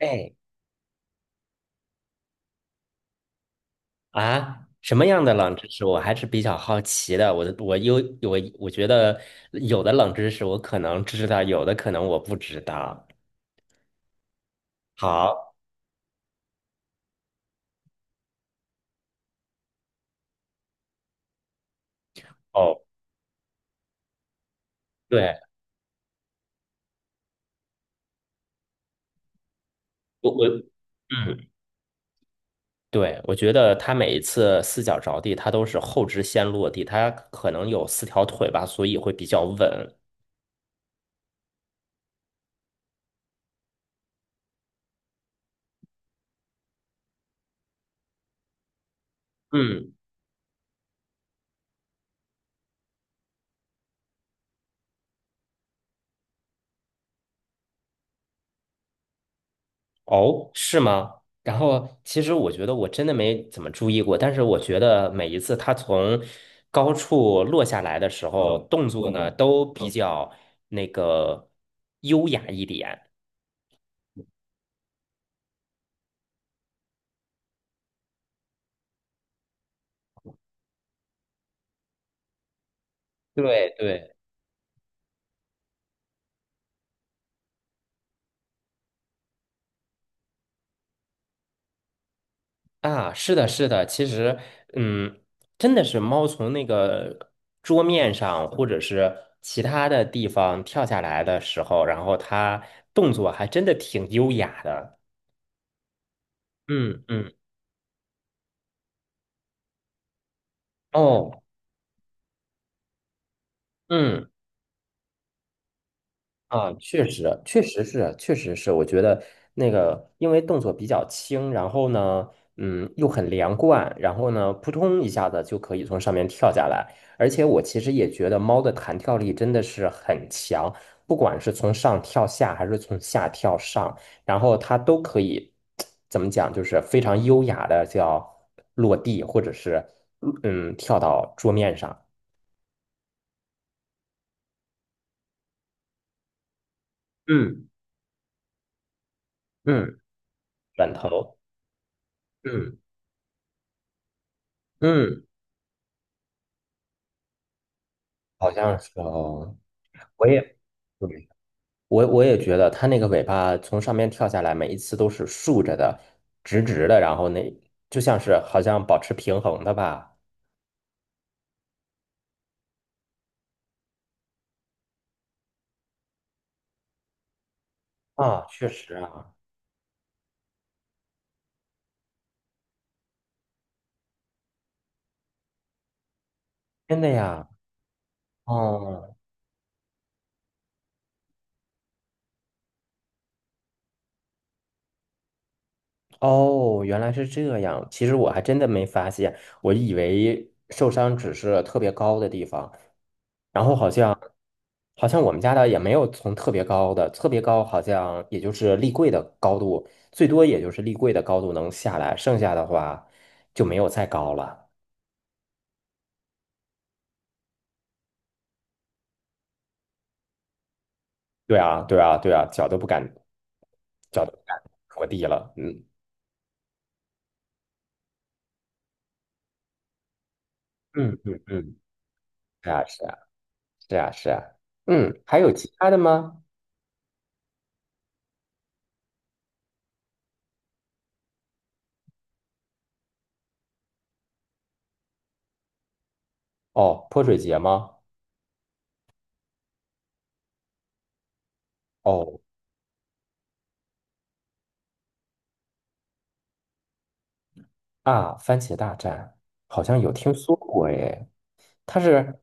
哎啊，什么样的冷知识我还是比较好奇的。我觉得有的冷知识我可能知道，有的可能我不知道。好，哦，对，我我嗯，对，我觉得他每一次四脚着地，他都是后肢先落地，他可能有四条腿吧，所以会比较稳。嗯。哦，是吗？然后其实我觉得我真的没怎么注意过，但是我觉得每一次它从高处落下来的时候，动作呢都比较那个优雅一点。对对啊，是的，是的，其实嗯，真的是猫从那个桌面上或者是其他的地方跳下来的时候，然后它动作还真的挺优雅的。嗯嗯，哦，嗯。啊，确实，确实是，确实是，我觉得那个，因为动作比较轻，然后呢，嗯，又很连贯，然后呢，扑通一下子就可以从上面跳下来。而且我其实也觉得猫的弹跳力真的是很强，不管是从上跳下，还是从下跳上，然后它都可以，怎么讲，就是非常优雅的叫落地，或者是跳到桌面上。嗯嗯，转头，嗯嗯。好像是哦，我也，对，我也觉得它那个尾巴从上面跳下来，每一次都是竖着的、直直的，然后那就像是好像保持平衡的吧？啊，确实啊，真的呀。哦哦，原来是这样。其实我还真的没发现，我以为受伤只是特别高的地方。然后好像我们家的也没有从特别高的，特别高好像也就是立柜的高度，最多也就是立柜的高度能下来，剩下的话就没有再高了。对啊，对啊，对啊，脚都不敢，脚都不敢着地了。嗯嗯嗯嗯，是啊是啊是啊是啊。嗯，还有其他的吗？哦，泼水节吗？哦啊，番茄大战好像有听说过耶。它是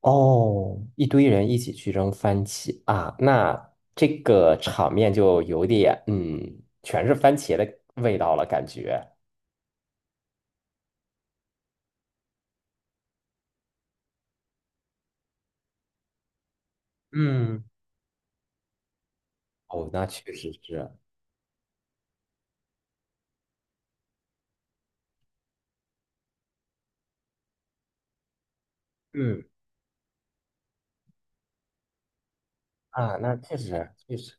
哦，一堆人一起去扔番茄啊，那这个场面就有点，嗯，全是番茄的味道了，感觉。嗯，哦，那确实是。嗯，啊，那确实确实，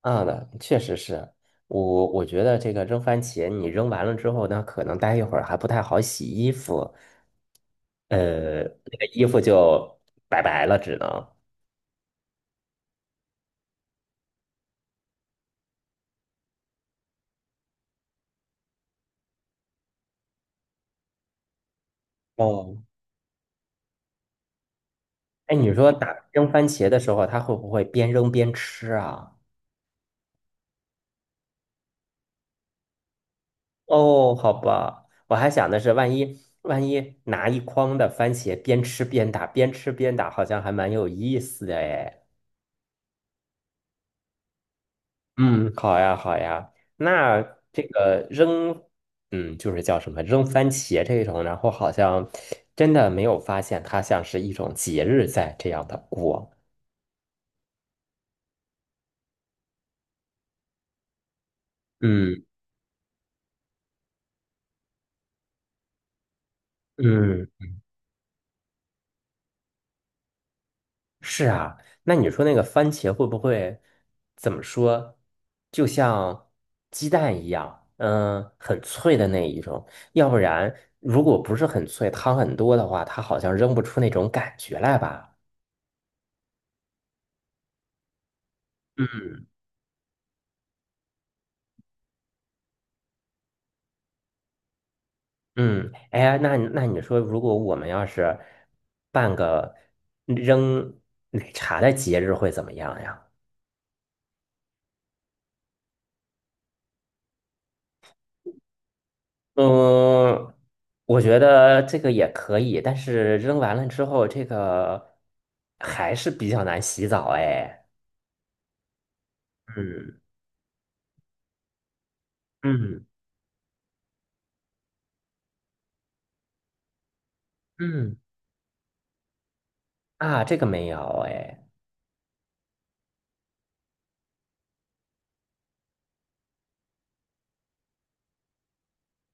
啊，那确实是，我觉得这个扔番茄，你扔完了之后那可能待一会儿还不太好洗衣服，呃，那个衣服就拜拜了，只能。哦，哎，你说打扔番茄的时候，它会不会边扔边吃啊？哦，好吧，我还想的是，万一拿一筐的番茄边吃边打，边吃边打，好像还蛮有意思的哎。嗯，好呀，好呀。那这个扔，嗯，就是叫什么扔番茄这种，然后好像真的没有发现它像是一种节日在这样的过。嗯嗯。是啊，那你说那个番茄会不会怎么说？就像鸡蛋一样，嗯，很脆的那一种。要不然，如果不是很脆，汤很多的话，它好像扔不出那种感觉来吧？嗯，嗯，哎呀，那你说，如果我们要是办个扔奶茶的节日会怎么样呀？嗯，我觉得这个也可以，但是扔完了之后，这个还是比较难洗澡哎。嗯嗯嗯，啊，这个没有，哎，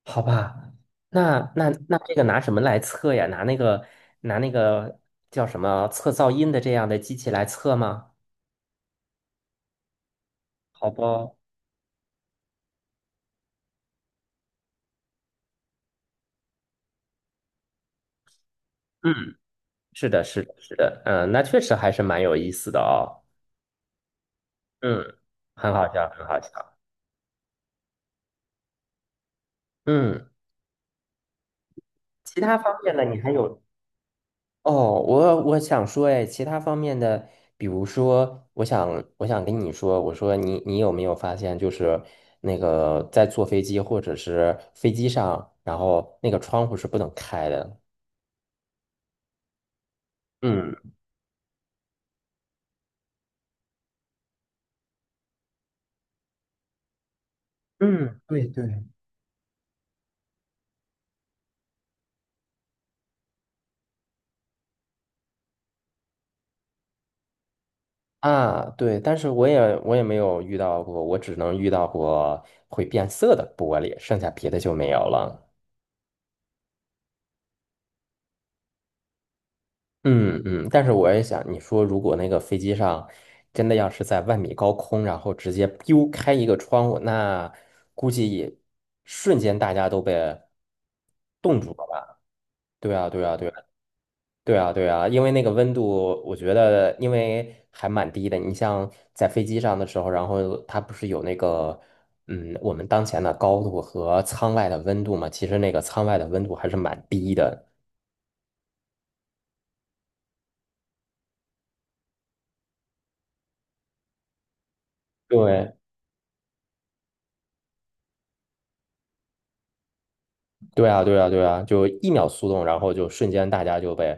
好吧，那这个拿什么来测呀？拿那个拿那个叫什么测噪音的这样的机器来测吗？好吧，嗯，是的，是的，是的，嗯，那确实还是蛮有意思的哦。嗯，很好笑，很好笑。嗯，其他方面呢，你还有？哦，我想说，哎，其他方面的，比如说，我想跟你说，我说你有没有发现，就是那个在坐飞机或者是飞机上，然后那个窗户是不能开的。嗯。嗯，对对。啊，对，但是我也没有遇到过，我只能遇到过会变色的玻璃，剩下别的就没有了。嗯嗯，但是我也想，你说如果那个飞机上真的要是在万米高空，然后直接丢开一个窗户，那估计也瞬间大家都被冻住了吧？对啊，对啊，对啊，对啊，对啊，因为那个温度，我觉得因为还蛮低的。你像在飞机上的时候，然后它不是有那个嗯，我们当前的高度和舱外的温度嘛？其实那个舱外的温度还是蛮低的。对，对啊，对啊，对啊，就一秒速冻，然后就瞬间大家就被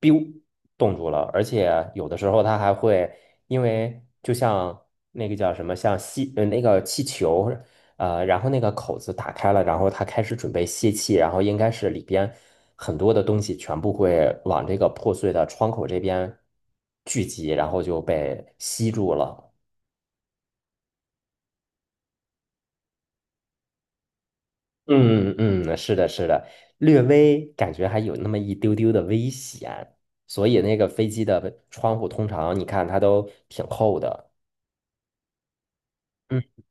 biu 冻住了，而且有的时候它还会因为就像那个叫什么，像吸那个气球，呃，然后那个口子打开了，然后它开始准备泄气，然后应该是里边很多的东西全部会往这个破碎的窗口这边聚集，然后就被吸住了。嗯嗯，是的，是的，略微感觉还有那么一丢丢的危险，所以那个飞机的窗户通常你看它都挺厚的。嗯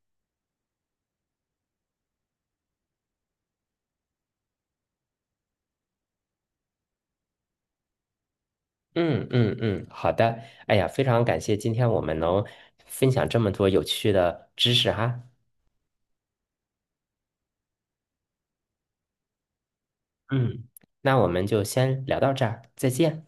嗯嗯嗯，好的。哎呀，非常感谢今天我们能分享这么多有趣的知识哈。嗯，那我们就先聊到这儿，再见。